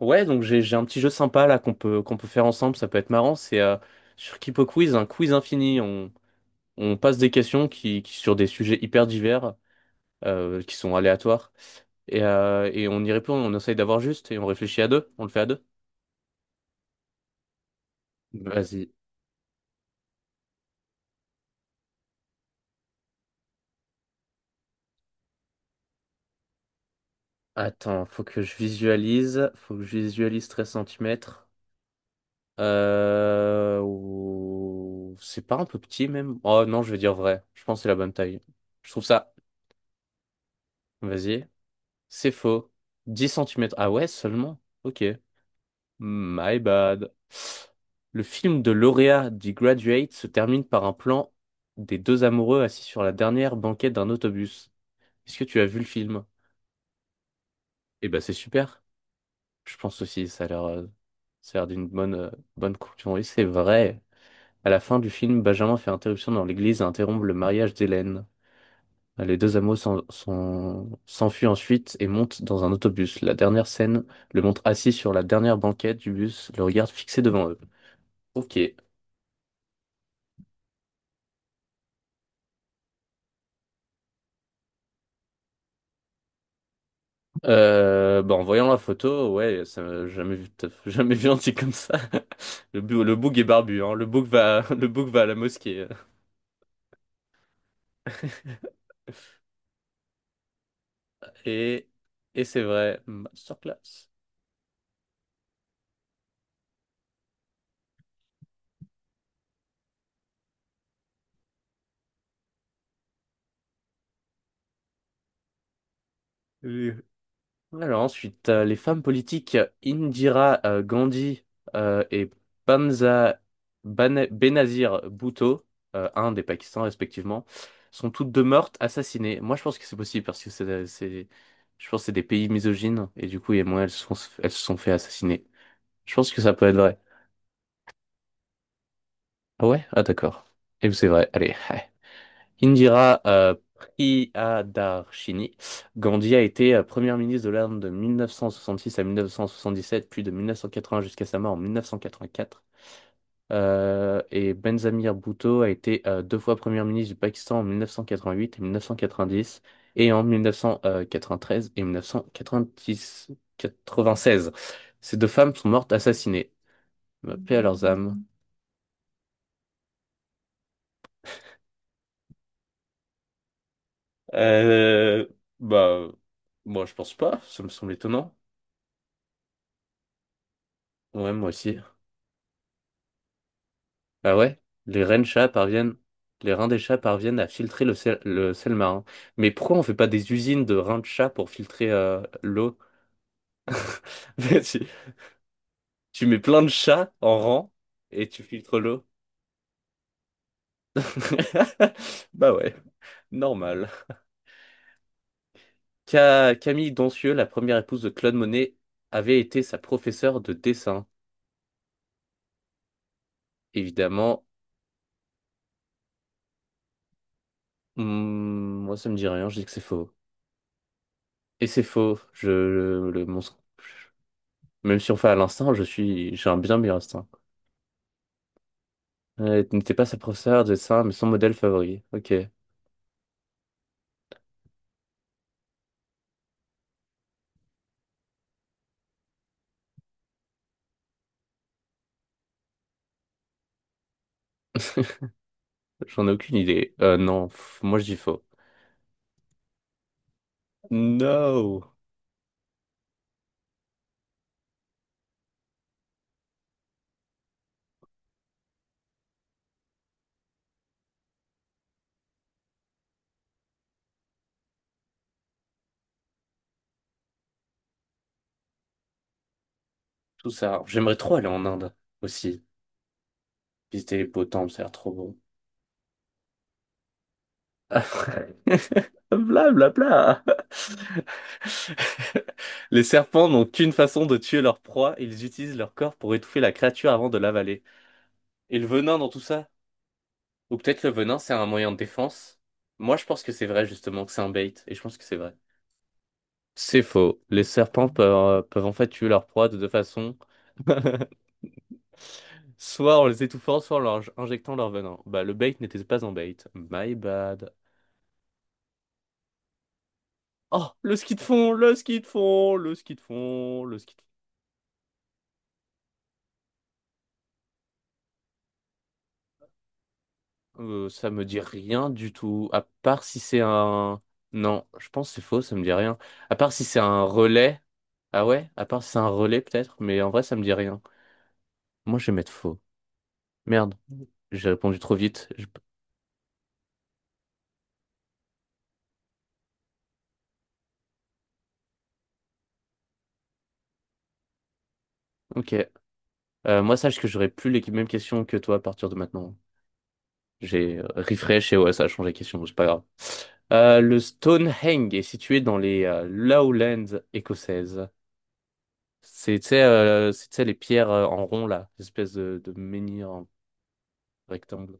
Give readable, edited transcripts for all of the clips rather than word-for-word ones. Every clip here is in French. Ouais, donc j'ai un petit jeu sympa là qu'on peut faire ensemble, ça peut être marrant. C'est sur Kipo Quiz, un quiz infini. On passe des questions qui sur des sujets hyper divers, qui sont aléatoires, et on y répond. On essaye d'avoir juste et on réfléchit à deux. On le fait à deux. Vas-y. Attends, faut que je visualise. Faut que je visualise 13 centimètres. C'est pas un peu petit même? Oh non, je vais dire vrai. Je pense que c'est la bonne taille. Je trouve ça. Vas-y. C'est faux. 10 centimètres. Ah ouais, seulement? Ok. My bad. Le film de lauréat du Graduate se termine par un plan des deux amoureux assis sur la dernière banquette d'un autobus. Est-ce que tu as vu le film? Eh ben, c'est super. Je pense aussi, ça a l'air d'une bonne, bonne conclusion. Oui, c'est vrai. À la fin du film, Benjamin fait interruption dans l'église et interrompt le mariage d'Hélène. Bah, les deux amoureux s'enfuient ensuite et montent dans un autobus. La dernière scène le montre assis sur la dernière banquette du bus, le regard fixé devant eux. Ok. Bah, en voyant la photo, ouais, ça m'a jamais vu, t'as jamais vu un type comme ça. Le bouc est barbu, hein. Le bouc va à la mosquée. Et, et c'est vrai, masterclass. Alors ensuite, les femmes politiques Indira Gandhi et Bamza Benazir Bhutto, Inde et Pakistan respectivement, sont toutes deux mortes, assassinées. Moi, je pense que c'est possible parce que je pense que c'est des pays misogynes et du coup, et moi, elles se sont fait assassiner. Je pense que ça peut être vrai. Ah ouais? Ah d'accord. Et c'est vrai. Allez. Indira Priyadarshini Gandhi a été première ministre de l'Inde de 1966 à 1977, puis de 1980 jusqu'à sa mort en 1984. Et Benzamir Bhutto a été deux fois premier ministre du Pakistan en 1988 et 1990, et en 1993 et 1996. Ces deux femmes sont mortes assassinées. Paix à leurs âmes. Euh, bah, moi je pense pas, ça me semble étonnant. Ouais, moi aussi. Ah ouais? Les reines chats parviennent, les reins des chats parviennent à filtrer le sel marin. Mais pourquoi on fait pas des usines de reins de chats pour filtrer l'eau? Mais Tu, tu mets plein de chats en rang et tu filtres l'eau. Bah ouais, normal. Camille Doncieux, la première épouse de Claude Monet, avait été sa professeure de dessin. Évidemment, hmm, moi ça me dit rien, je dis que c'est faux. Et c'est faux. Le, mon- même si on fait à l'instant, j'ai un bien meilleur instinct. Elle n'était pas sa professeure de dessin, mais son modèle favori. Ok. J'en ai aucune idée. Non, pff, moi je dis faux. No! Tout ça. J'aimerais trop aller en Inde aussi. Visiter les beaux temples, ça a l'air trop beau. Bla bla bla. Les serpents n'ont qu'une façon de tuer leur proie, ils utilisent leur corps pour étouffer la créature avant de l'avaler. Et le venin dans tout ça? Ou peut-être le venin, c'est un moyen de défense? Moi, je pense que c'est vrai, justement, que c'est un bait, et je pense que c'est vrai. C'est faux. Les serpents peuvent, peuvent en fait tuer leur proie de deux façons. Soit en les étouffant, soit en leur injectant leur venin. Bah, le bait n'était pas un bait. My bad. Oh, le ski de fond, le ski de fond, le ski de fond, le ski de fond. Ça me dit rien du tout. À part si c'est un. Non, je pense que c'est faux, ça me dit rien. À part si c'est un relais. Ah ouais? À part si c'est un relais, peut-être. Mais en vrai, ça me dit rien. Moi, je vais mettre faux. Merde. J'ai répondu trop vite. Je- Ok. Moi, sache que j'aurais plus les mêmes questions que toi à partir de maintenant. J'ai refresh et ouais, ça a changé les questions, c'est pas grave. Le Stonehenge est situé dans les Lowlands écossaises. C'est, tu sais, les pierres en rond, là, espèce de menhir en rectangle.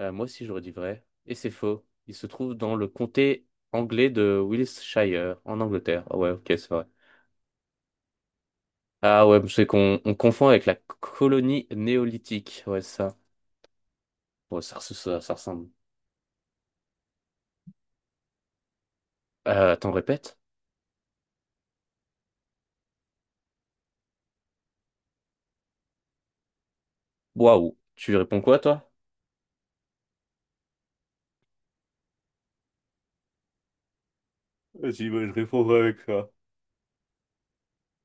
Moi aussi, j'aurais dit vrai. Et c'est faux. Il se trouve dans le comté anglais de Wiltshire, en Angleterre. Ah ouais, ok, c'est vrai. Ah ouais, c'est qu'on on confond avec la colonie néolithique. Ouais, c'est ça. Ouais, ça ça ressemble. Attends, répète. Waouh, tu réponds quoi, toi? Vas-y, bah, je répondrai avec ça.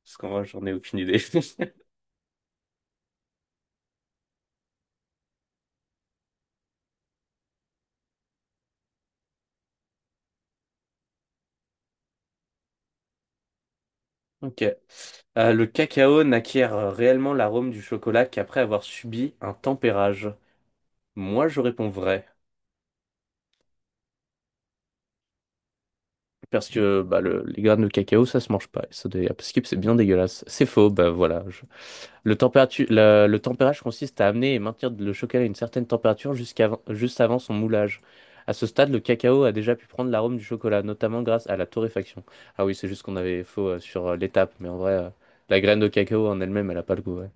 Parce qu'en vrai, j'en ai aucune idée. Ok. Le cacao n'acquiert réellement l'arôme du chocolat qu'après avoir subi un tempérage. Moi, je réponds vrai. Parce que bah, les graines de cacao, ça se mange pas. Et parce que c'est bien dégueulasse. C'est faux, bah voilà. Le température, le tempérage consiste à amener et maintenir le chocolat à une certaine température jusqu'à juste avant son moulage. À ce stade, le cacao a déjà pu prendre l'arôme du chocolat, notamment grâce à la torréfaction. Ah oui, c'est juste qu'on avait faux sur l'étape, mais en vrai, la graine de cacao en elle-même, elle a pas le goût, ouais.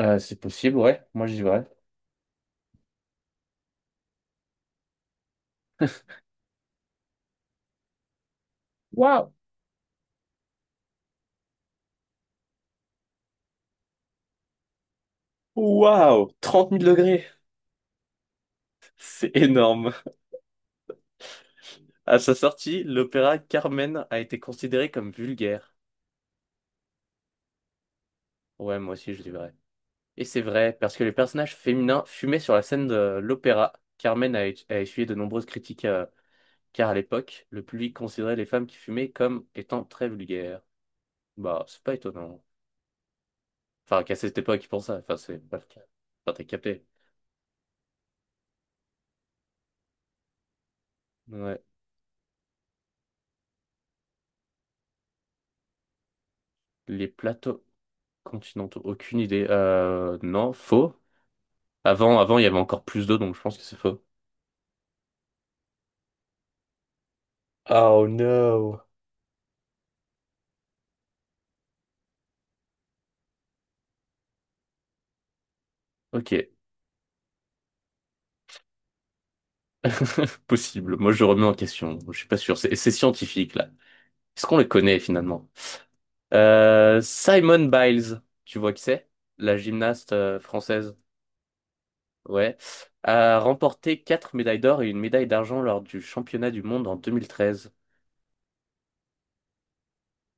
C'est possible, ouais. Moi, j'y vrai. Waouh! Waouh! 30 000 degrés! C'est énorme! À sa sortie, l'opéra Carmen a été considéré comme vulgaire. Ouais, moi aussi je dis vrai. Et c'est vrai, parce que les personnages féminins fumaient sur la scène de l'opéra. Carmen a, a essuyé de nombreuses critiques, car à l'époque, le public considérait les femmes qui fumaient comme étant très vulgaires. Bah, c'est pas étonnant. Enfin, qu'à cette époque, ils pensaient. Enfin, c'est pas le cas. Enfin, t'as capté. Ouais. Les plateaux continentaux, aucune idée. Non, faux. Avant, il y avait encore plus d'eau, donc je pense que c'est faux. Oh no. Ok. Possible. Moi, je remets en question. Je suis pas sûr. C'est scientifique, là. Est-ce qu'on le connaît, finalement? Simone Biles, tu vois qui c'est? La gymnaste française. Ouais. A remporté quatre médailles d'or et une médaille d'argent lors du championnat du monde en 2013.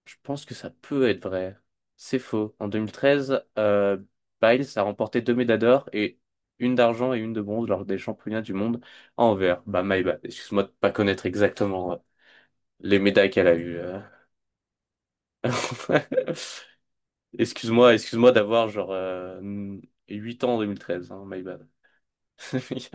Je pense que ça peut être vrai. C'est faux. En 2013, Biles a remporté deux médailles d'or et une d'argent et une de bronze lors des championnats du monde à Anvers. Bah, my bad. Excuse-moi de pas connaître exactement les médailles qu'elle a eues. Excuse-moi, excuse-moi d'avoir genre 8 ans en 2013, hein, my bad.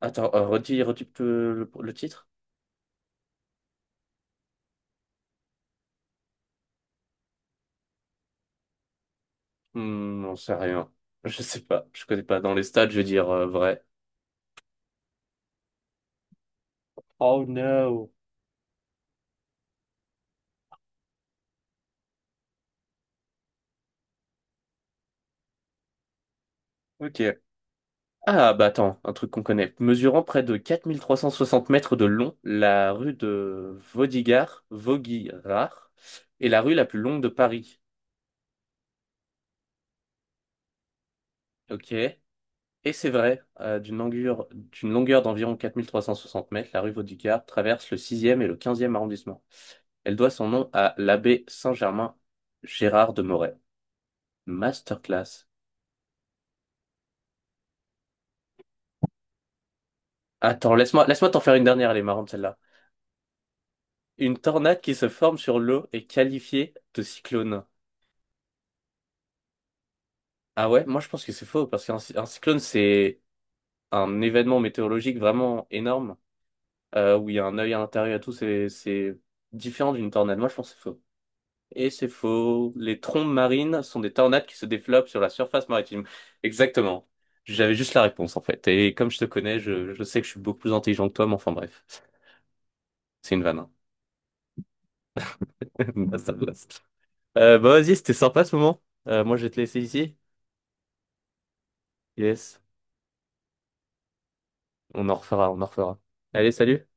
Attends, redis, le titre? Hmm, j'en sais rien. Je sais pas, je connais pas. Dans les stades, je vais dire vrai. Oh no. Ok. Ah bah attends, un truc qu'on connaît. Mesurant près de 4 360 mètres de long, la rue de Vaudigard, Vaugirard est la rue la plus longue de Paris. Ok. Et c'est vrai, d'une longueur d'environ 4 360 mètres, la rue Vaudricard traverse le sixième et le quinzième arrondissement. Elle doit son nom à l'abbé Saint-Germain Gérard de Moret. Masterclass. Attends, laisse-moi, laisse-moi t'en faire une dernière, elle est marrante celle-là. Une tornade qui se forme sur l'eau est qualifiée de cyclone. Ah ouais, moi je pense que c'est faux, parce un cyclone c'est un événement météorologique vraiment énorme, où il y a un œil à l'intérieur et tout, c'est différent d'une tornade. Moi je pense que c'est faux. Et c'est faux. Les trombes marines sont des tornades qui se développent sur la surface maritime. Exactement. J'avais juste la réponse en fait. Et comme je te connais, je sais que je suis beaucoup plus intelligent que toi, mais enfin bref, c'est une vanne. Hein. Basta, basta. Bah vas-y, c'était sympa ce moment. Moi je vais te laisser ici. Yes. On en refera, on en refera. Allez, salut.